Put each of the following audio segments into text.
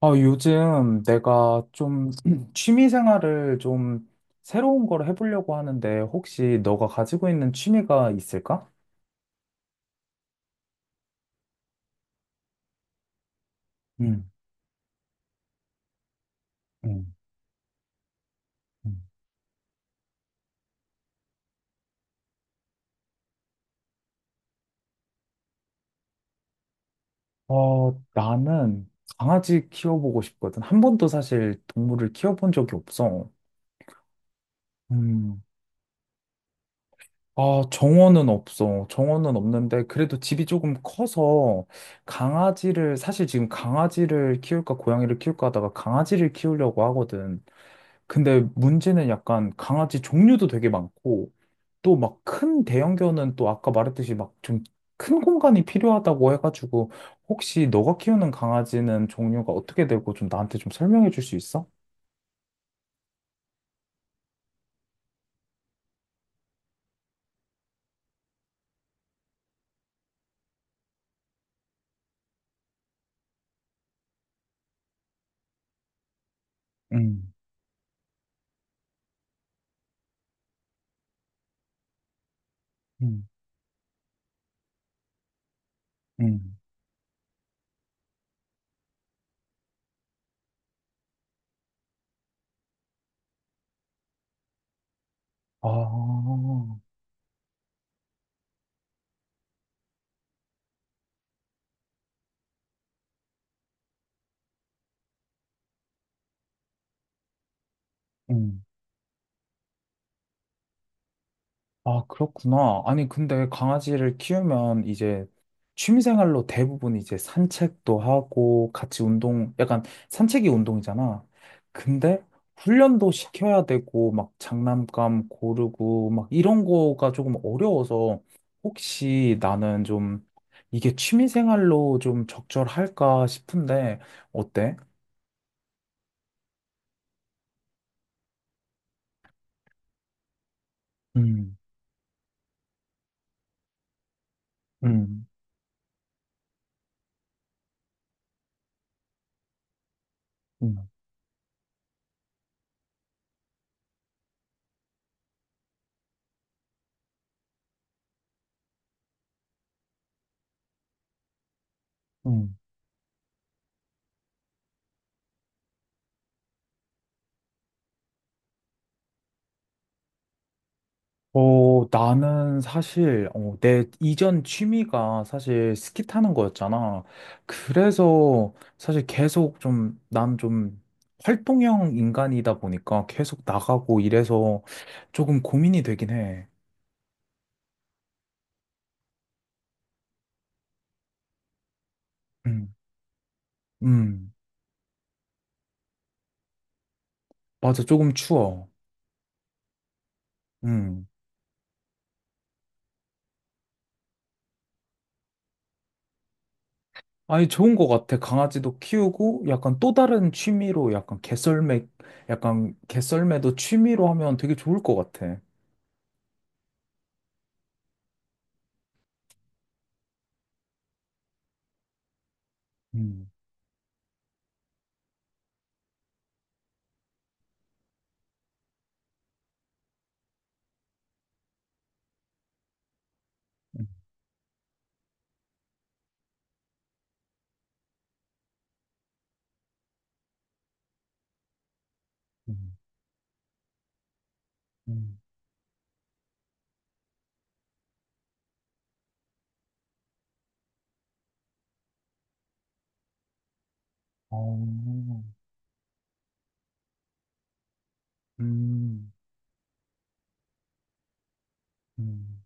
요즘 내가 좀 취미 생활을 좀 새로운 걸 해보려고 하는데 혹시 너가 가지고 있는 취미가 있을까? 음, 음, 음. 나는 강아지 키워보고 싶거든. 한 번도 사실 동물을 키워본 적이 없어. 음. 아, 정원은 없어. 정원은 없는데, 그래도 집이 조금 커서, 강아지를, 사실 지금 강아지를 키울까, 고양이를 키울까 하다가 강아지를 키우려고 하거든. 근데 문제는 약간 강아지 종류도 되게 많고, 또 막 큰 대형견은 또 아까 말했듯이 막 좀 큰 공간이 필요하다고 해가지고, 혹시 너가 키우는 강아지는 종류가 어떻게 되고 좀 나한테 좀 설명해 줄 수 있어? 음, 음, 음. 아, 음. 아, 그렇구나. 아니, 근데 강아지를 키우면 이제 취미생활로 대부분 이제 산책도 하고 같이 운동, 약간 산책이 운동이잖아. 근데 훈련도 시켜야 되고 막 장난감 고르고 막 이런 거가 조금 어려워서 혹시 나는 좀 이게 취미생활로 좀 적절할까 싶은데 어때? 음, 음, 음, 음. 나는 사실, 내 이전 취미가 사실 스키 타는 거였잖아. 그래서 사실 계속 좀, 난 좀 활동형 인간이다 보니까 계속 나가고 이래서 조금 고민이 되긴 해. 음, 음, 맞아. 조금 추워. 음. 아니, 좋은 거 같아. 강아지도 키우고 약간 또 다른 취미로 약간 개썰매, 약간 개썰매도 취미로 하면 되게 좋을 것 같아. 음, 음, 음. 음. 어, 음, 음.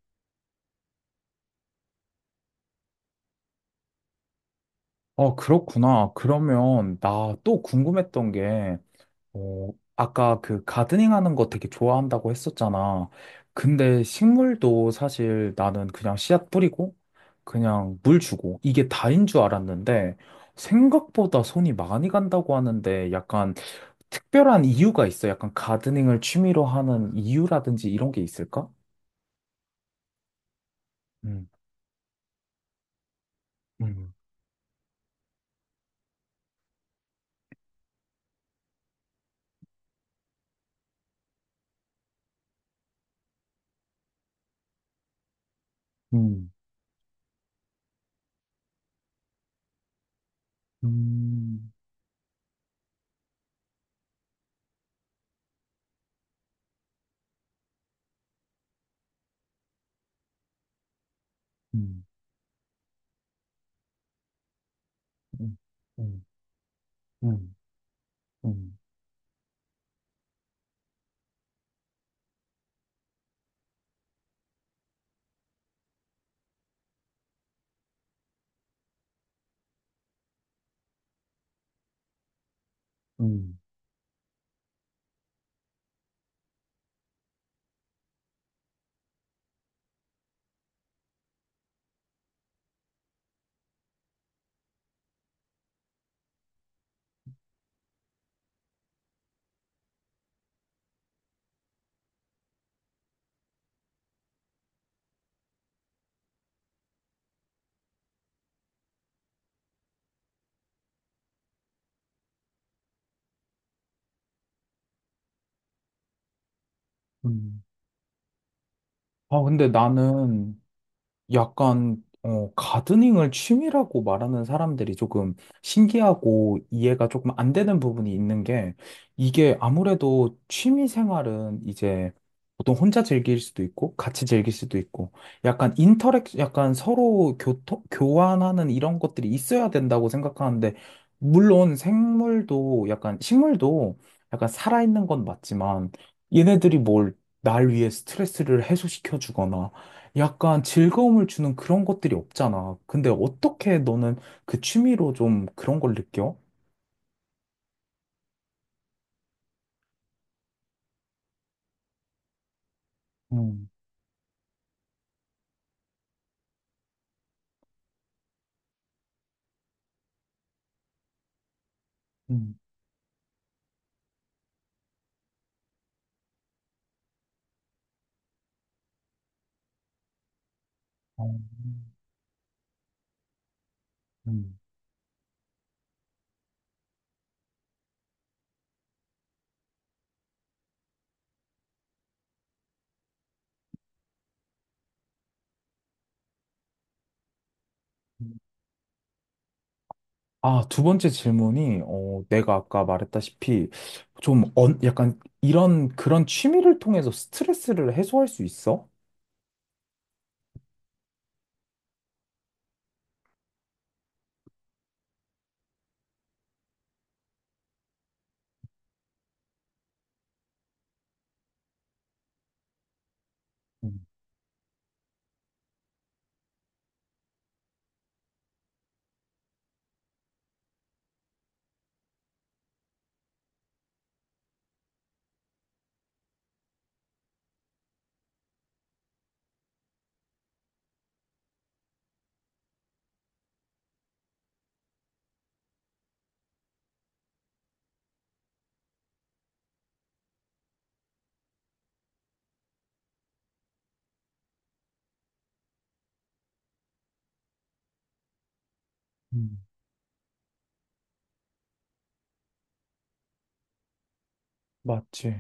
어, 그렇구나. 그러면 나 또 궁금했던 게, 어, 아까 그 가드닝 하는 거 되게 좋아한다고 했었잖아. 근데 식물도 사실 나는 그냥 씨앗 뿌리고, 그냥 물 주고, 이게 다인 줄 알았는데, 생각보다 손이 많이 간다고 하는데, 약간 특별한 이유가 있어. 약간 가드닝을 취미로 하는 이유라든지 이런 게 있을까? 음, 음, 음, 음, 음. 음, 음, 음, 음, 음. 음. 아, 근데 나는 약간 가드닝을 취미라고 말하는 사람들이 조금 신기하고 이해가 조금 안 되는 부분이 있는 게 이게 아무래도 취미 생활은 이제 보통 혼자 즐길 수도 있고 같이 즐길 수도 있고 약간 인터랙 약간 서로 교토, 교환하는 이런 것들이 있어야 된다고 생각하는데 물론 생물도 약간 식물도 약간 살아있는 건 맞지만 얘네들이 뭘 날 위해 스트레스를 해소시켜 주거나 약간 즐거움을 주는 그런 것들이 없잖아. 근데 어떻게 너는 그 취미로 좀 그런 걸 느껴? 음, 음, 어, 음, 음, 아, 두 번째 질문이, 내가 아까 말했다시피, 좀, 언 약간, 이런, 그런 취미를 통해서 스트레스를 해소할 수 있어? 음, 음, 맞지.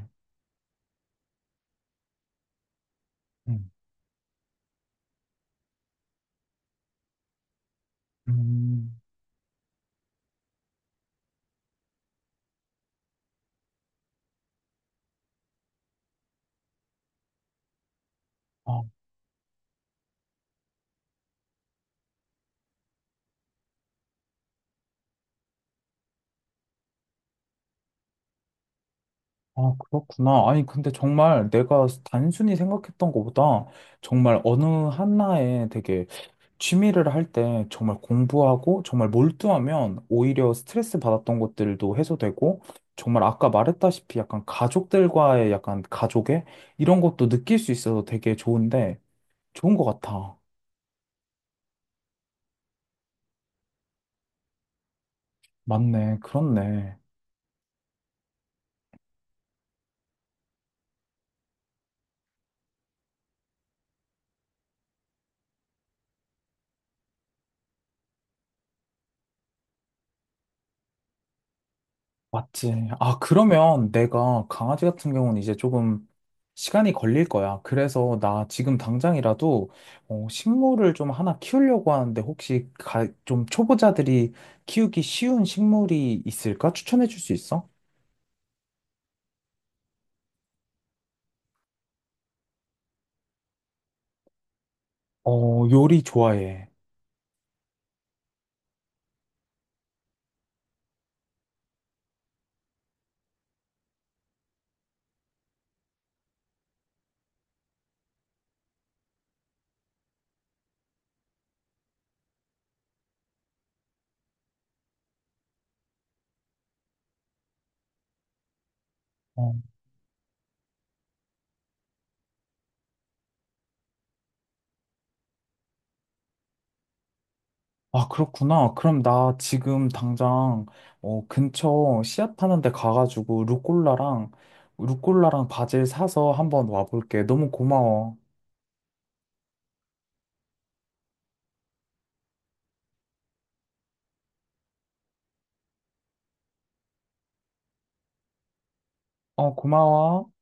음. 음, 아, 아, 그렇구나. 아니, 근데 정말 내가 단순히 생각했던 것보다 정말 어느 하나에 되게 취미를 할 때 정말 공부하고 정말 몰두하면 오히려 스트레스 받았던 것들도 해소되고 정말 아까 말했다시피 약간 가족들과의 약간 가족의 이런 것도 느낄 수 있어서 되게 좋은데 좋은 것 같아. 맞네. 그렇네. 맞지. 아, 그러면 내가 강아지 같은 경우는 이제 조금 시간이 걸릴 거야. 그래서 나 지금 당장이라도 식물을 좀 하나 키우려고 하는데 혹시 가, 좀 초보자들이 키우기 쉬운 식물이 있을까? 추천해 줄 수 있어? 어, 요리 좋아해. 어. 아, 그렇구나. 그럼 나 지금 당장 근처 씨앗 파는 데 가가지고 루꼴라랑 바질 사서 한번 와볼게. 너무 고마워. 어, 고마워.